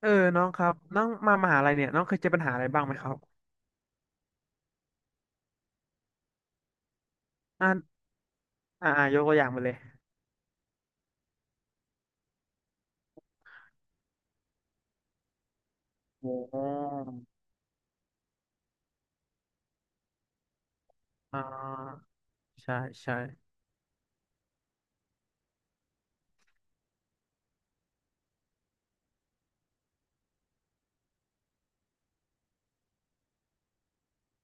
เออน้องครับน้องมามหาลัยเนี่ยน้องเคยเจอปัญหาอะไรบ้างไหมครับอ่ายกตัวอย่างมาเลยโอ้อ่าใช่ใช่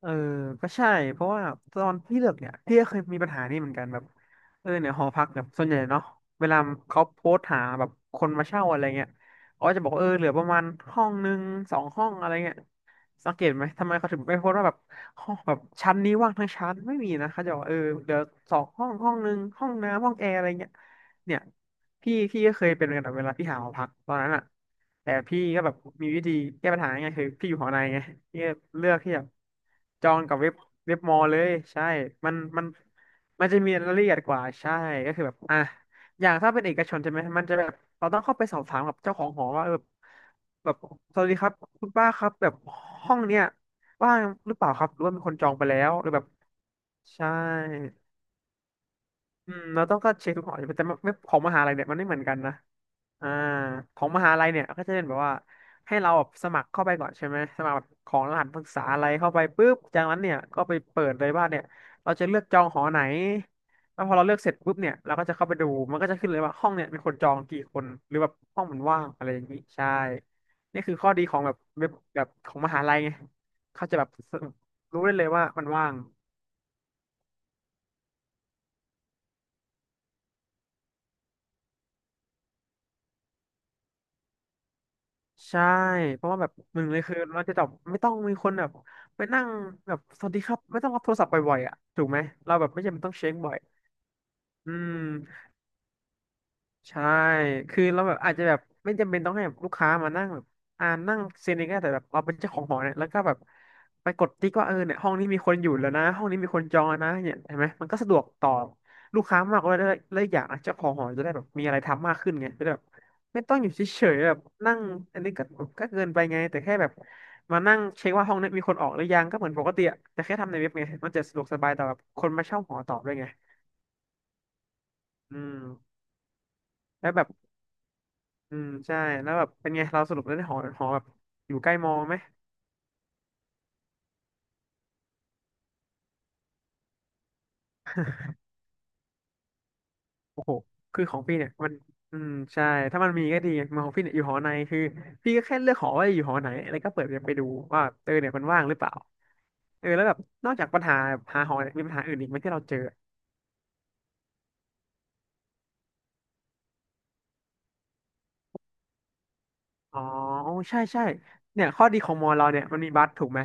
เออก็ใช่เพราะว่าตอนพี่เลือกเนี่ยพี่ก็เคยมีปัญหานี้เหมือนกันแบบเออเนี่ยหอพักแบบส่วนใหญ่เนาะเวลาเขาโพสต์หาแบบคนมาเช่าอะไรเงี้ยเขาก็จะบอกว่าเออเหลือประมาณห้องหนึ่งสองห้องอะไรเงี้ยสังเกตไหมทำไมเขาถึงไม่โพสต์ว่าแบบห้องแบบชั้นนี้ว่างทั้งชั้นไม่มีนะเขาจะบอกว่าเออเดี๋ยอสองห้องห้องหนึ่งห้องน้ำห้องแอร์อะไรเงี้ย เนี่ยพี่ก็เคยเป็นเหมือนกันแบบเวลาพี่หาหอพักตอนนั้นอ่ะแต่พี่ก็แบบมีวิธีแก้ปัญหาไงคือพี่อยู่หอในไงพี่ก็เลือกที่แบบจองกับเว็บเว็บมอลเลยใช่มันมันมันจะมีรายละเอียดกว่าใช่ก็คือแบบอ่ะอย่างถ้าเป็นเอกชนใช่ไหมมันจะแบบเราต้องเข้าไปสอบถามกับเจ้าของหอว่าเออแบบสวัสดีครับคุณป้าครับแบบห้องเนี้ยว่างหรือเปล่าครับหรือว่ามีคนจองไปแล้วหรือแบบใช่ อืมเราต้องก็เช็คทุกหออยู่แต่ไม่ของมหาลัยเนี่ยมันไม่เหมือนกันนะอ่าของมหาลัยเนี่ยก็จะเป็นแบบว่าให้เราแบบสมัครเข้าไปก่อนใช่ไหมสมัครแบบของรหัสนักศึกษาอะไรเข้าไปปุ๊บจากนั้นเนี่ยก็ไปเปิดเลยว่าเนี่ยเราจะเลือกจองหอไหนแล้วพอเราเลือกเสร็จปุ๊บเนี่ยเราก็จะเข้าไปดูมันก็จะขึ้นเลยว่าห้องเนี่ยมีคนจองกี่คนหรือแบบห้องมันว่างอะไรอย่างนี้ใช่นี่คือข้อดีของแบบเว็บแบบของมหาลัยไงเขาจะแบบรู้ได้เลยว่ามันว่าง ใช่เพราะว่าแบบหนึ่งเลยคือเราจะจบบไม่ต้องมีคนแบบไปนั่งแบบสวัสดีครับไม่ต้องรับโทรศัพท์บ่อยๆอ่ะถูกไหมเราแบบไม่จำเป็นต้องเช็คบ่อยอืม ใช่คือเราแบบอาจจะแบบไม่จำเป็นต้องให้แบบลูกค้ามานั่งแบบอ่านั่งเซ็นเองก็ได้แต่แบบเราเป็นเจ้าของหอเนี่ยแล้วก็แบบไปกดติ๊กว่าเออเนี่ยห้องนี้มีคนอยู่แล้วนะห้องนี้มีคนจองแล้วนะเนี่ยเห็นไหมมันก็สะดวกต่อลูกค้ามากกว่าแล้แลวอกอย่างนะเจ้าของหอจะได้แบบมีอะไรทำมากขึ้นไงจะได้แบบไม่ต้องอยู่เฉยๆแบบนั่งอันนี้ก็เกินไปไงแต่แค่แบบมานั่งเช็คว่าห้องนี้มีคนออกหรือยังก็เหมือนปกติอะแต่แค่ทำในเว็บไงมันจะสะดวกสบายต่อแบบคนมาเช่าหอต่อด้วยไงอืมแล้วแบบ อืมใช่แล้วแบบเป็นไงเราสรุปแล้วได้หอหอแบบอยู่ใกล้มอไหมโอ้โหคือของพี่เนี่ยมันอืมใช่ถ้ามันมีก็ดีมอของพี่เนี่ยอยู่หอในคือพี่ก็แค่เลือกหอว่าอยู่หอไหนแล้วก็เปิดไปดูว่าเออเนี่ยมันว่างหรือเปล่าเออแล้วแบบนอกจากปัญหาหาหอเนี่ยมีปัญหาอื่นอีกไหมที่เราเจออ๋อใช่ใช่เนี่ยข้อดีของมอเราเนี่ยมันมีบัสถูกไหม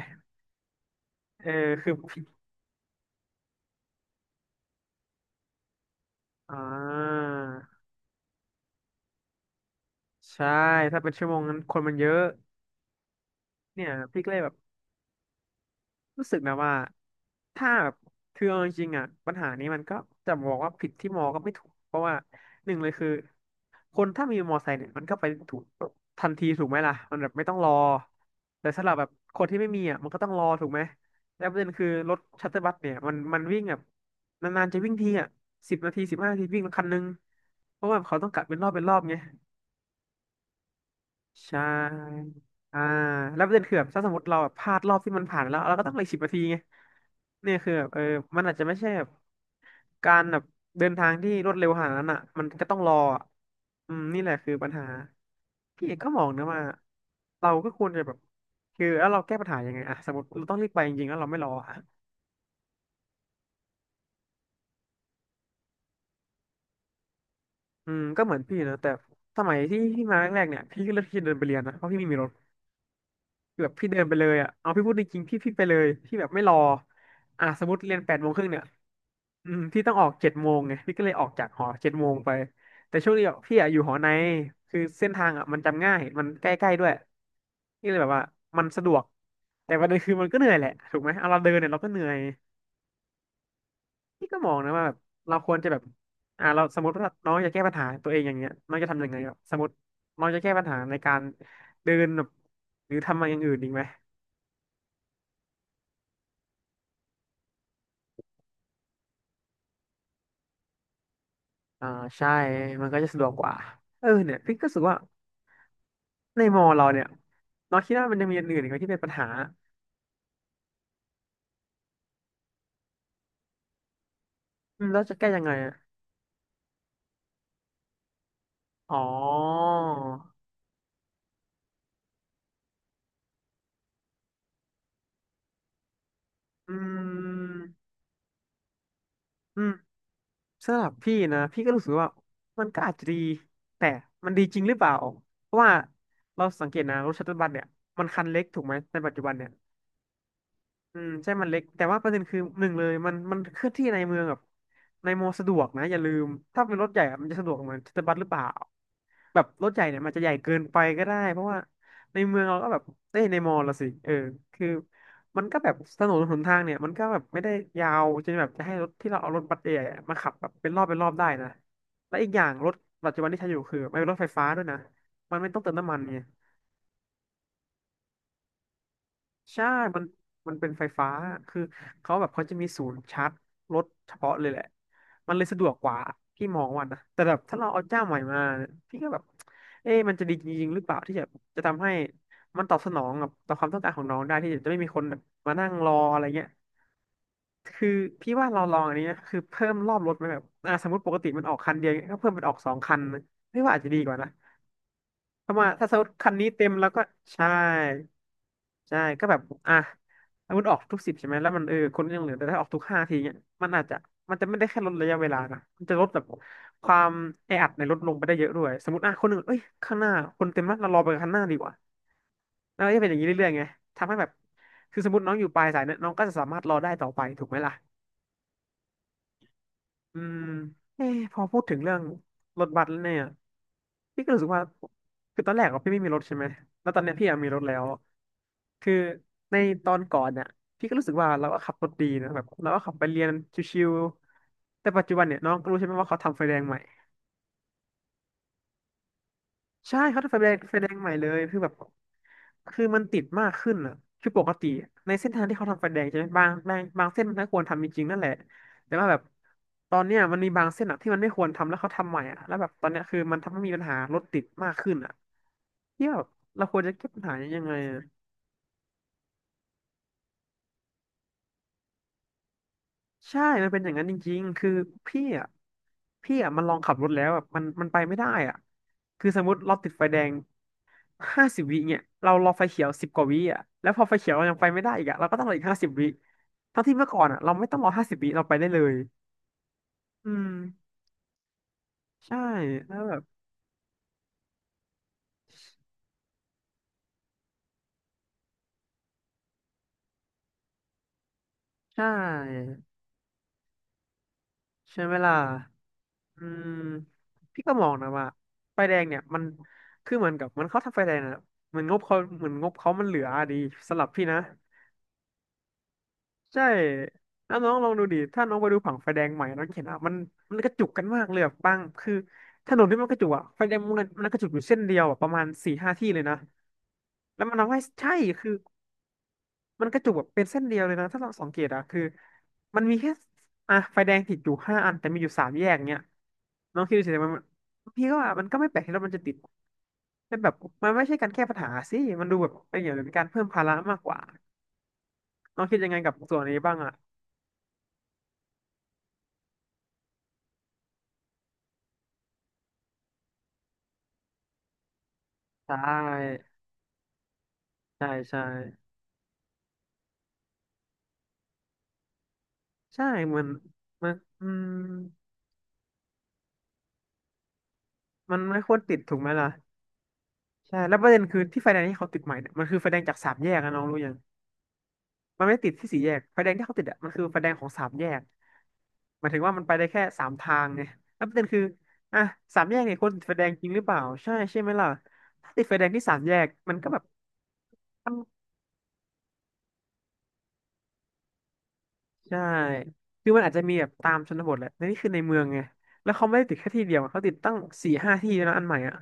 เออคือ อ่าใช่ถ้าเป็นชั่วโมงนั้นคนมันเยอะเนี่ยพี่ก็เลยแบบ รู้สึกนะว่าถ้าแบบคือเอาจริงๆอ่ะปัญหานี้มันก็จะบอกว่าผิดที่มอก็ไม่ถูกเพราะว่าหนึ่งเลยคือคนถ้ามีมอไซค์เนี่ยมันก็ไปถูกทันทีถูกไหมล่ะมันแบบไม่ต้องรอแต่สำหรับแบบคนที่ไม่มีอ่ะมันก็ต้องรอถูกไหมแล้วประเด็นคือรถชัตเตอร์บัสเนี่ยมันวิ่งแบบนานๆจะวิ่งทีอ่ะสิบนาที15 นาทีวิ่งคันนึงเพราะว่าเขาต้องกะเป็นรอบเป็นรอบไง ใช่อ่าแล้วประเด็นคือแบบถ้าสมมติเราแบบพลาดรอบที่มันผ่านไปแล้วเราก็ต้องเหลือสิบนาทีไงเนี่ยคือแบบเออมันอาจจะไม่ใช่แบบการแบบเดินทางที่รวดเร็วขนาดนั้นอ่ะมันก็ต้องรออะอืมนี่แหละคือปัญหาพี่เอกก็มองนะว่าเราก็ควรจะแบบคือแล้วเราแก้ปัญหายังไงอะสมมติเราต้องรีบไปจริงๆแล้วเราไม่รออะอืมก็เหมือนพี่นะแต่สมัยที่พี่มาแรกๆเนี่ยพี่ก็เลือกที่จะเดินไปเรียนนะเพราะพี่ไม่มีรถ คือแบบพี่เดินไปเลยอ่ะเอาพี่พูดจริงๆพี่ไปเลยพี่แบบไม่รออ่ะสมมติเรียน8:30 โมงเนี่ยอืมพี่ต้องออกเจ็ดโมงไงพี่ก็เลยออกจากหอเจ็ดโมงไปแต่ช่วงนี้อะพี่อะอยู่หอในคือเส้นทางอ่ะมันจำง่ายมันใกล้ๆด้วยนี่เลยแบบว่ามันสะดวกแต่ประเด็นคือมันก็เหนื่อยแหละถูกไหมเอาเราเดินเนี่ยเราก็เหนื่อยพี่ก็มองนะว่าแบบเราควรจะแบบเราสมมติว่าน้องจะแก้ปัญหาตัวเองอย่างเงี้ยน้องจะทำยังไงครับสมมติน้องจะแก้ปัญหาในการเดินแบบหรือทำอะไรอย่างอื่นอีกไหม อ่าใช่มันก็จะสะดวกกว่าเออเนี่ยพี่ก็รู้สึกว่าในมอเราเนี่ยเราคิดว่ามันยังมีอย่างอื่นอีกไหมที่เป็นปัญหาอืมแล้วจะแก้ยังไงอะอ๋ออืมอืมสำหรับพี่นะพี่ก็รู้สึกว่ามันก็อาจจะดีแต่มันดีจริงหรือเปล่าเพราะว่าเราสังเกตนะรถชัตเทิลบัสเนี่ยมันคันเล็กถูกไหมในปัจจุบันเนี่ย อืมใช่มันเล็กแต่ว่าประเด็นคือหนึ่งเลยมันเคลื่อนที่ในเมืองแบบในมอสะดวกนะอย่าลืมถ้าเป็นรถใหญ่อะมันจะสะดวกเหมือนชัตเตอร์บัสหรือเปล่าแบบรถใหญ่เนี่ยมันจะใหญ่เกินไปก็ได้เพราะว่าในเมืองเราก็แบบเอ้ยในมอละสิเออคือมันก็แบบถนนหนทางเนี่ยมันก็แบบไม่ได้ยาวจนแบบจะให้รถที่เราเอารถบัสใหญ่ๆมาขับแบบเป็นรอบเป็นรอบได้นะและอีกอย่างรถปัจจุบันที่ใช้อยู่คือมันเป็นรถไฟฟ้าด้วยนะมันไม่ต้องเติมน้ำมันไง ใช่มันมันเป็นไฟฟ้า คือเขาแบบเขาจะมีศูนย์ชาร์จรถเฉพาะเลยแหละ มันเลยสะดวกกว่าพี่มองว่านะแต่แบบถ้าเราเอาเจ้าใหม่มา พี่ก็แบบเอ๊ะมันจะดีจริงๆหรือเปล่าที่จะจะทำให้มันตอบสนองกับต่อความต้องการของน้องได้ที่จะไม่มีคนแบบมานั่งรออะไรเงี้ยคือพี่ว่าเราลองอันนี้นะคือเพิ่มรอบรถไหมแบบสมมติปกติมันออกคันเดียวเงี้ยก็เพิ่มเป็นออกสองคันนะพี่ว่าอาจจะดีกว่านะเพราะว่าถ้าสมมติคันนี้เต็มแล้วก็ใช่ ใช่ก็แบบอ่ะถ้ามันออกทุกสิบใช่ไหมแล้วมันเออคนก็ยังเหลือแต่ถ้าออกทุกห้าทีเนี่ยมันอาจจะมันจะไม่ได้แค่ลดระยะเวลานะมันจะลดแบบความแออัดในรถลงไปได้เยอะด้วยสมมติอ่ะคนหนึ่งเอ้ยข้างหน้าคนเต็มแล้วเรารอไปข้างหน้าดีกว่าแล้วก็จะเป็นอย่างนี้เรื่อยๆไงทำให้แบบคือสมมติน้องอยู่ปลายสายเนี่ยน้องก็จะสามารถรอได้ต่อไปถูกไหมล่ะ อืมเอ้พอพูดถึงเรื่องรถบัสแล้วเนี่ยพี่ก็รู้สึกว่าคือตอนแรกอะพี่ไม่มีรถใช่ไหมแล้วตอนเนี้ยพี่อะมีรถแล้วคือในตอนก่อนเนี่ยพี่ก็รู้สึกว่าเราก็ขับรถดีนะแบบเราก็ขับไปเรียนชิวๆแต่ปัจจุบันเนี่ยน้องก็รู้ใช่ไหมว่าเขาทำไฟแดงใหม่ ใช่เขาจะไฟแดงไฟแดงใหม่เลยคือแบบคือมันติดมากขึ้นอ่ะคือปกติในเส้นทางที่เขาทำไฟแดงใช่ไหมบางเส้นมันก็ควรทำจริงๆนั่นแหละแต่ว่าแบบตอนเนี้ยมันมีบางเส้นอ่ะที่มันไม่ควรทำแล้วเขาทำใหม่อ่ะแล้วแบบตอนเนี้ยคือมันทำให้มีปัญหารถติดมากขึ้นอ่ะที่แบบเราควรจะแก้ปัญหายังไง ใช่มันเป็นอย่างนั้นจริงๆ คือพี่อ่ะพี่อ่ะมันลองขับรถแล้วแบบมันไปไม่ได้อ่ะคือสมมติเราติดไฟแดงห้าสิบวิเนี่ยเรารอไฟเขียว10 กว่าวิอ่ะแล้วพอไฟเขียวเรายังไปไม่ได้อีกอ่ะเราก็ต้องรออีกห้าสิบวิทั้งที่เมื่อก่อนอ่ะเราไม่ต้องรอห้าสิบวิเราไปได้เลยอืมใช่แล้วแบบใช่ใช่ไหมล่ะอืมพี่ก็มองนะว่าไฟแดงเนี่ยมันคือเหมือนกับมันเขาทำไฟแดงนะเหมือนงบเขาเหมือนงบเขามันเหลืออะดีสำหรับพี่นะ ใช่แล้วน้องลองดูดิถ้าน้องไปดูผังไฟแดงใหม่น้องเห็นอ่ะมันกระจุกกันมากเลยแบบบางคือถนนที่มันกระจุกอ่ะไฟแดงมันกระจุกอยู่เส้นเดียวอะประมาณสี่ห้าที่เลยนะแล้วมันทำให้ใช่คือมันกระจุกแบบเป็นเส้นเดียวเลยนะถ้าเราสังเกตอ่ะคือมันมีแค่ไฟแดงติดอยู่ห้าอันแต่มีอยู่สามแยกเนี้ยน้องคิดดูสิมันพี่ก็ว่ามันก็ไม่แปลกที่รถมันจะติดแต่แบบมันไม่ใช่การแก้ปัญหาสิมันดูแบบเป็นอย่างเป็นการเพิ่มภาระมากกว่าน้องคิดยังไงกับส่วนนี้บ้างอ่ะใช่ ใช่ใช่ใช่มันมันอืมมันไม่ควรติดถูกไหมล่ะใช่แล้วประเด็นคือที่ไฟแดงที่เขาติดใหม่เนี่ยมันคือไฟแดงจากสามแยกนะน้องรู้ยังมันไม่ได้ติดที่สี่แยกไฟแดงที่เขาติดอ่ะมันคือไฟแดงของสามแยกหมายถึงว่ามันไปได้แค่สามทางไงแล้วประเด็นคืออ่ะสามแยกเนี่ยควรติดไฟแดงจริงหรือเปล่าใช่ใช่ไหมล่ะถ้าติดไฟแดงที่สามแยกมันก็แบบใช่คือมันอาจจะมีแบบตามชนบทแหละแต่นี่คือในเมืองไงแล้วเขาไม่ได้ติดแค่ที่เดียวอะเขาติดตั้งสี่ห้าที่แล้วอันใหม่อ่ะ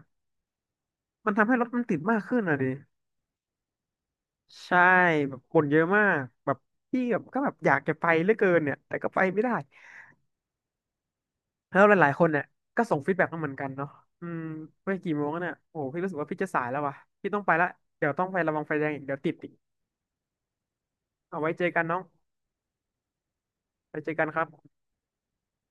มันทำให้รถมันติดมากขึ้นอ่ะดิ ใช่แบบคนเยอะมากแบบพี่แบบก็แบบอยากจะไปเหลือเกินเนี่ยแต่ก็ไปไม่ได้แล้วหลายๆคนเนี่ยก็ส่งฟีดแบ็กมาเหมือนกันเนาะอืมไม่กี่โมงแล้วเนี่ยโอ้โหพี่รู้สึกว่าพี่จะสายแล้วว่ะพี่ต้องไปละเดี๋ยวต้องไประวังไฟแดงอีกเดี๋ยวติดอีกเอาไว้เจอกันน้องไปเจอกันครับ